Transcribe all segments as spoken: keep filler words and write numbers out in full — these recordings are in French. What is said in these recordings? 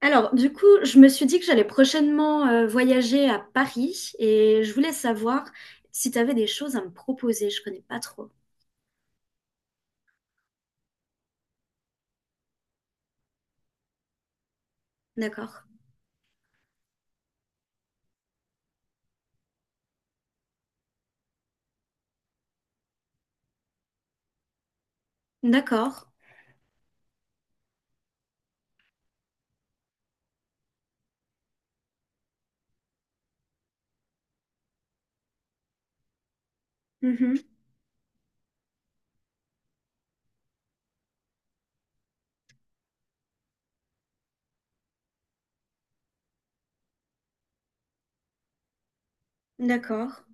Alors, du coup, je me suis dit que j'allais prochainement euh, voyager à Paris et je voulais savoir si tu avais des choses à me proposer. Je connais pas trop. D'accord. D'accord. Mhm. D'accord.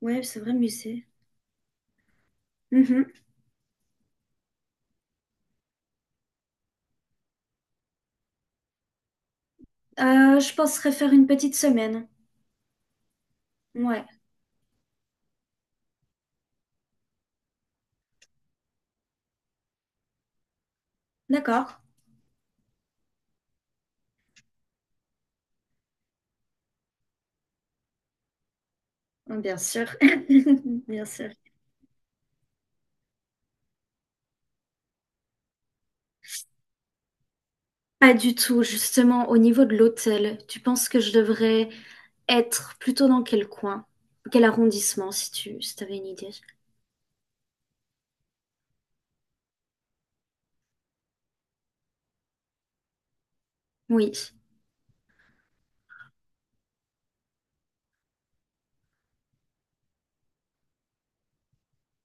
Ouais, c'est vrai, musée. Mhm. Euh, je penserais faire une petite semaine. Ouais. D'accord. Oh, bien sûr. Bien sûr. Pas du tout. Justement, au niveau de l'hôtel, tu penses que je devrais être plutôt dans quel coin? Quel arrondissement, si tu si t'avais une idée? Oui.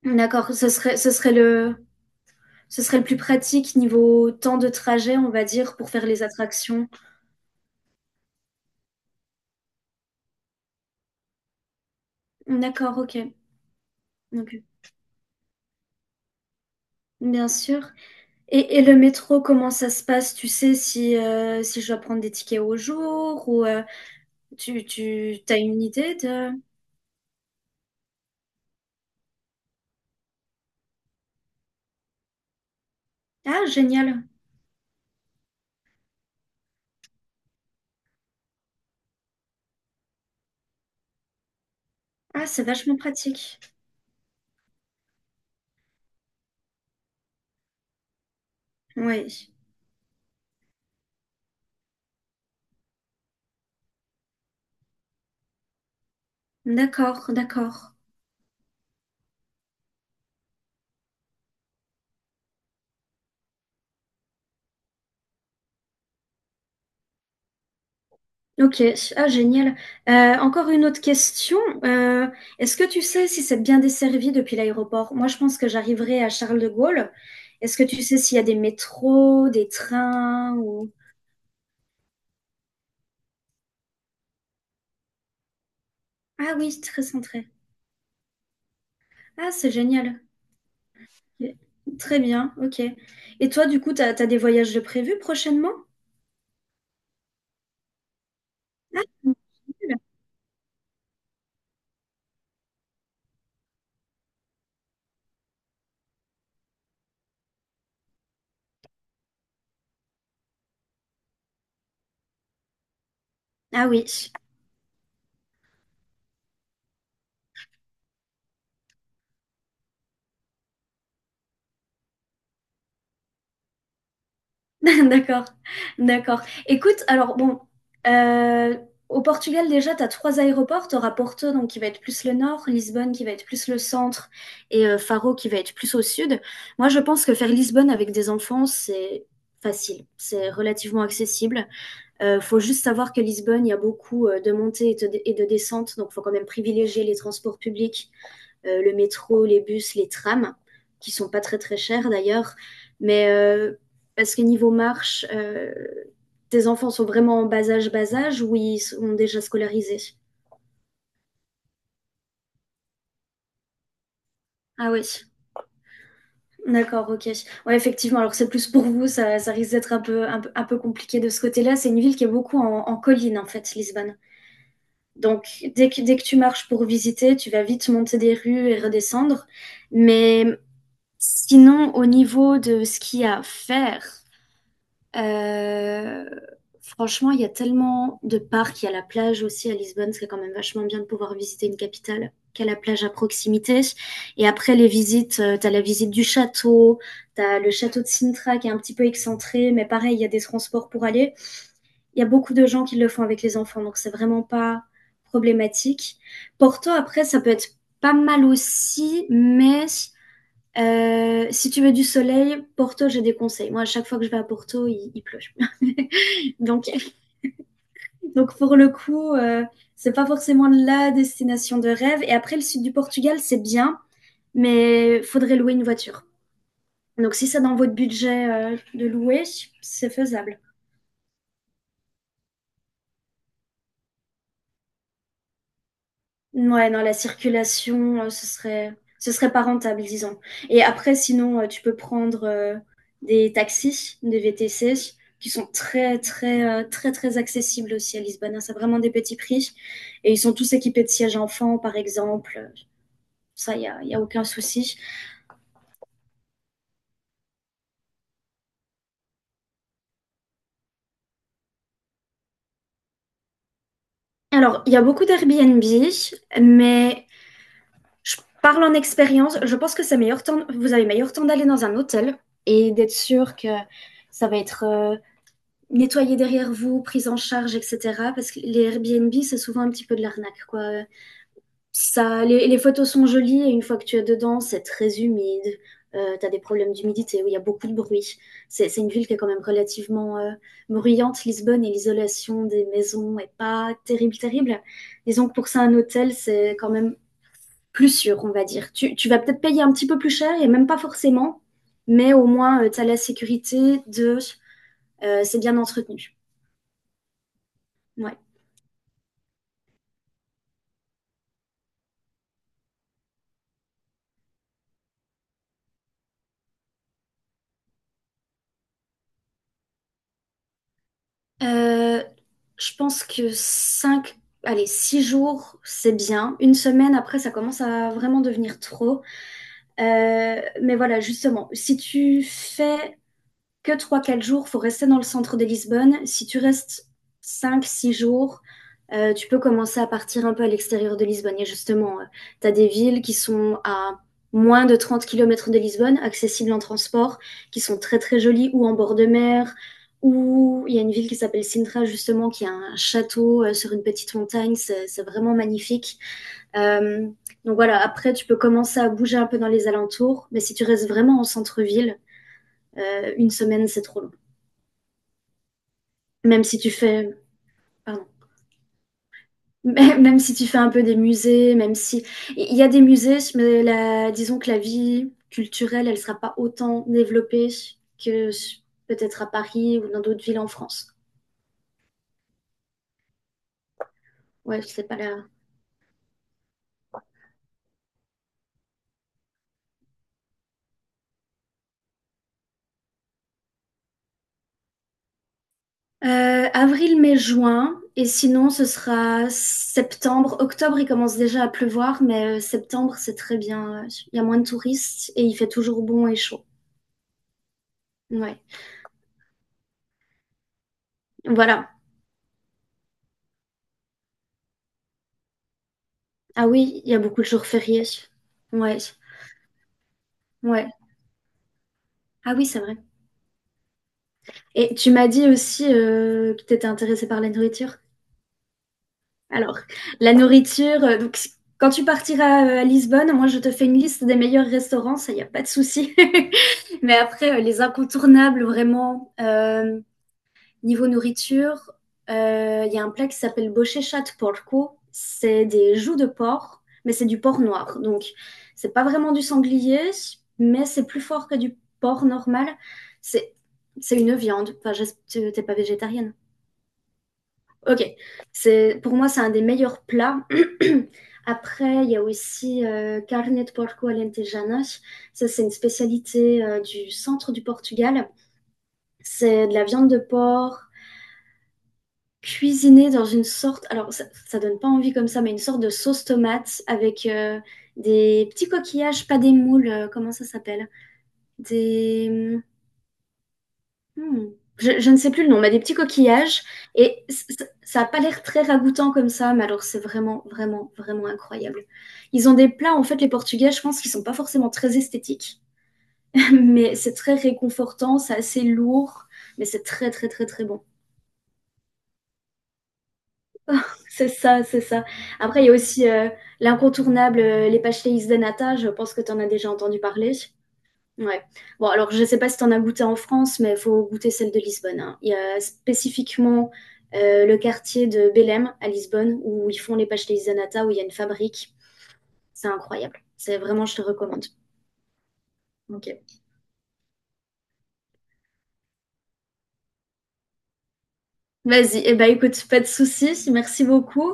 D'accord, ce serait, ce serait le, ce serait le plus pratique niveau temps de trajet, on va dire, pour faire les attractions. D'accord, ok. Ok. Bien sûr. Et, et le métro, comment ça se passe? Tu sais si, euh, si je dois prendre des tickets au jour ou euh, tu, tu as une idée de... Ah, génial. Ah, c'est vachement pratique. Oui. D'accord, d'accord. Ok, ah génial. Euh, encore une autre question. Euh, Est-ce que tu sais si c'est bien desservi depuis l'aéroport? Moi, je pense que j'arriverai à Charles de Gaulle. Est-ce que tu sais s'il y a des métros, des trains ou... Ah oui, c'est très centré. Ah, c'est génial. Très bien, ok. Et toi, du coup, t'as, t'as des voyages de prévus prochainement? Ah, cool. Ah oui. D'accord, d'accord. Écoute, alors bon, euh, au Portugal déjà, tu as trois aéroports. Tu auras Porto, donc qui va être plus le nord, Lisbonne qui va être plus le centre, et euh, Faro qui va être plus au sud. Moi, je pense que faire Lisbonne avec des enfants, c'est facile, c'est relativement accessible. Euh, faut juste savoir que Lisbonne, il y a beaucoup euh, de montées et de, et de descentes, donc faut quand même privilégier les transports publics euh, le métro, les bus, les trams, qui sont pas très très chers d'ailleurs, mais euh, parce que niveau marche, euh, tes enfants sont vraiment en bas âge, bas âge, ou ils sont déjà scolarisés? Ah oui, d'accord, ok. Ouais, effectivement, alors c'est plus pour vous, ça, ça risque d'être un peu, un, peu un peu compliqué de ce côté-là. C'est une ville qui est beaucoup en, en colline, en fait, Lisbonne. Donc, dès que, dès que tu marches pour visiter, tu vas vite monter des rues et redescendre. Mais sinon, au niveau de ce qu'il y a à faire, Euh, franchement, il y a tellement de parcs. Il y a la plage aussi à Lisbonne. C'est quand même vachement bien de pouvoir visiter une capitale qui a la plage à proximité. Et après les visites, euh, t'as la visite du château, t'as le château de Sintra qui est un petit peu excentré, mais pareil, il y a des transports pour aller. Il y a beaucoup de gens qui le font avec les enfants, donc c'est vraiment pas problématique. Porto, après, ça peut être pas mal aussi, mais euh, si tu veux du soleil, Porto, j'ai des conseils. Moi, à chaque fois que je vais à Porto, il il pleut. Donc, donc pour le coup, euh, c'est pas forcément la destination de rêve. Et après, le sud du Portugal, c'est bien, mais faudrait louer une voiture. Donc, si c'est dans votre budget euh, de louer, c'est faisable. Ouais, non, la circulation, euh, ce serait, ce serait pas rentable, disons. Et après, sinon, euh, tu peux prendre euh, des taxis, des V T C, qui sont très, très, euh, très, très accessibles aussi à Lisbonne, hein. C'est vraiment des petits prix. Et ils sont tous équipés de sièges enfants, par exemple. Ça, il n'y a, y a aucun souci. Alors, il y a beaucoup d'Airbnb, mais je parle en expérience. Je pense que c'est meilleur temps, vous avez meilleur temps d'aller dans un hôtel et d'être sûr que ça va être euh, nettoyé derrière vous, prise en charge, et cetera. Parce que les Airbnb, c'est souvent un petit peu de l'arnaque, quoi. Ça, les, les photos sont jolies et une fois que tu es dedans, c'est très humide. Euh, tu as des problèmes d'humidité où il y a beaucoup de bruit. C'est, c'est une ville qui est quand même relativement euh, bruyante, Lisbonne, et l'isolation des maisons est pas terrible, terrible. Disons que pour ça, un hôtel, c'est quand même plus sûr, on va dire. Tu, tu vas peut-être payer un petit peu plus cher et même pas forcément, mais au moins, tu as la sécurité de euh, c'est bien entretenu. Ouais. Euh, je pense que cinq, allez, six jours, c'est bien. Une semaine, après, ça commence à vraiment devenir trop. Euh, mais voilà, justement, si tu fais que trois quatre jours, il faut rester dans le centre de Lisbonne. Si tu restes cinq, six jours, euh, tu peux commencer à partir un peu à l'extérieur de Lisbonne. Et justement, euh, tu as des villes qui sont à moins de trente kilomètres de Lisbonne, accessibles en transport, qui sont très très jolies, ou en bord de mer, ou il y a une ville qui s'appelle Sintra, justement, qui a un château euh, sur une petite montagne, c'est c'est vraiment magnifique. Euh, donc voilà, après, tu peux commencer à bouger un peu dans les alentours, mais si tu restes vraiment en centre-ville, euh, une semaine, c'est trop long. Même si tu fais, pardon, même si tu fais un peu des musées, même si il y a des musées, mais la, disons que la vie culturelle, elle sera pas autant développée que s- peut-être à Paris ou dans d'autres villes en France. Ouais, je sais pas là. Euh, avril, mai, juin, et sinon ce sera septembre. Octobre, il commence déjà à pleuvoir, mais euh, septembre, c'est très bien, ouais. Il y a moins de touristes et il fait toujours bon et chaud. Ouais. Voilà. Ah oui, il y a beaucoup de jours fériés. Ouais. Ouais. Ah oui, c'est vrai. Et tu m'as dit aussi euh, que tu étais intéressée par la nourriture. Alors, la nourriture, euh, donc, si- quand tu partiras euh, à Lisbonne, moi je te fais une liste des meilleurs restaurants, ça, il n'y a pas de souci. Mais après, euh, les incontournables, vraiment, euh, niveau nourriture, euh, il y a un plat qui s'appelle bochechat de porco. C'est des joues de porc, mais c'est du porc noir. Donc, c'est pas vraiment du sanglier, mais c'est plus fort que du porc normal. C'est c'est une viande. Enfin, j'es- t'es t'es pas végétarienne. Ok, c'est pour moi c'est un des meilleurs plats. Après, il y a aussi euh, carne de porco alentejana. Ça, c'est une spécialité euh, du centre du Portugal. C'est de la viande de porc cuisinée dans une sorte, alors ça, ça donne pas envie comme ça, mais une sorte de sauce tomate avec euh, des petits coquillages, pas des moules, euh, comment ça s'appelle? Des Hmm. Je, je ne sais plus le nom, mais des petits coquillages. Et c- c- ça n'a pas l'air très ragoûtant comme ça, mais alors c'est vraiment, vraiment, vraiment incroyable. Ils ont des plats, en fait, les Portugais, je pense qu'ils sont pas forcément très esthétiques, mais c'est très réconfortant, c'est assez lourd, mais c'est très, très, très, très bon. C'est ça, c'est ça. Après, il y a aussi euh, l'incontournable, euh, les pastéis de nata, je pense que tu en as déjà entendu parler. Ouais. Bon, alors je ne sais pas si tu en as goûté en France, mais il faut goûter celle de Lisbonne, hein. Il y a spécifiquement euh, le quartier de Belém à Lisbonne où ils font les pastéis-nata, où il y a une fabrique. C'est incroyable. C'est vraiment, je te recommande. Ok. Vas-y. Eh ben, écoute, pas de souci. Merci beaucoup.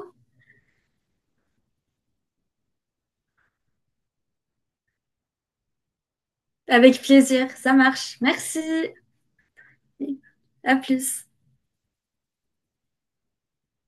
Avec plaisir. Ça marche. Merci. À plus.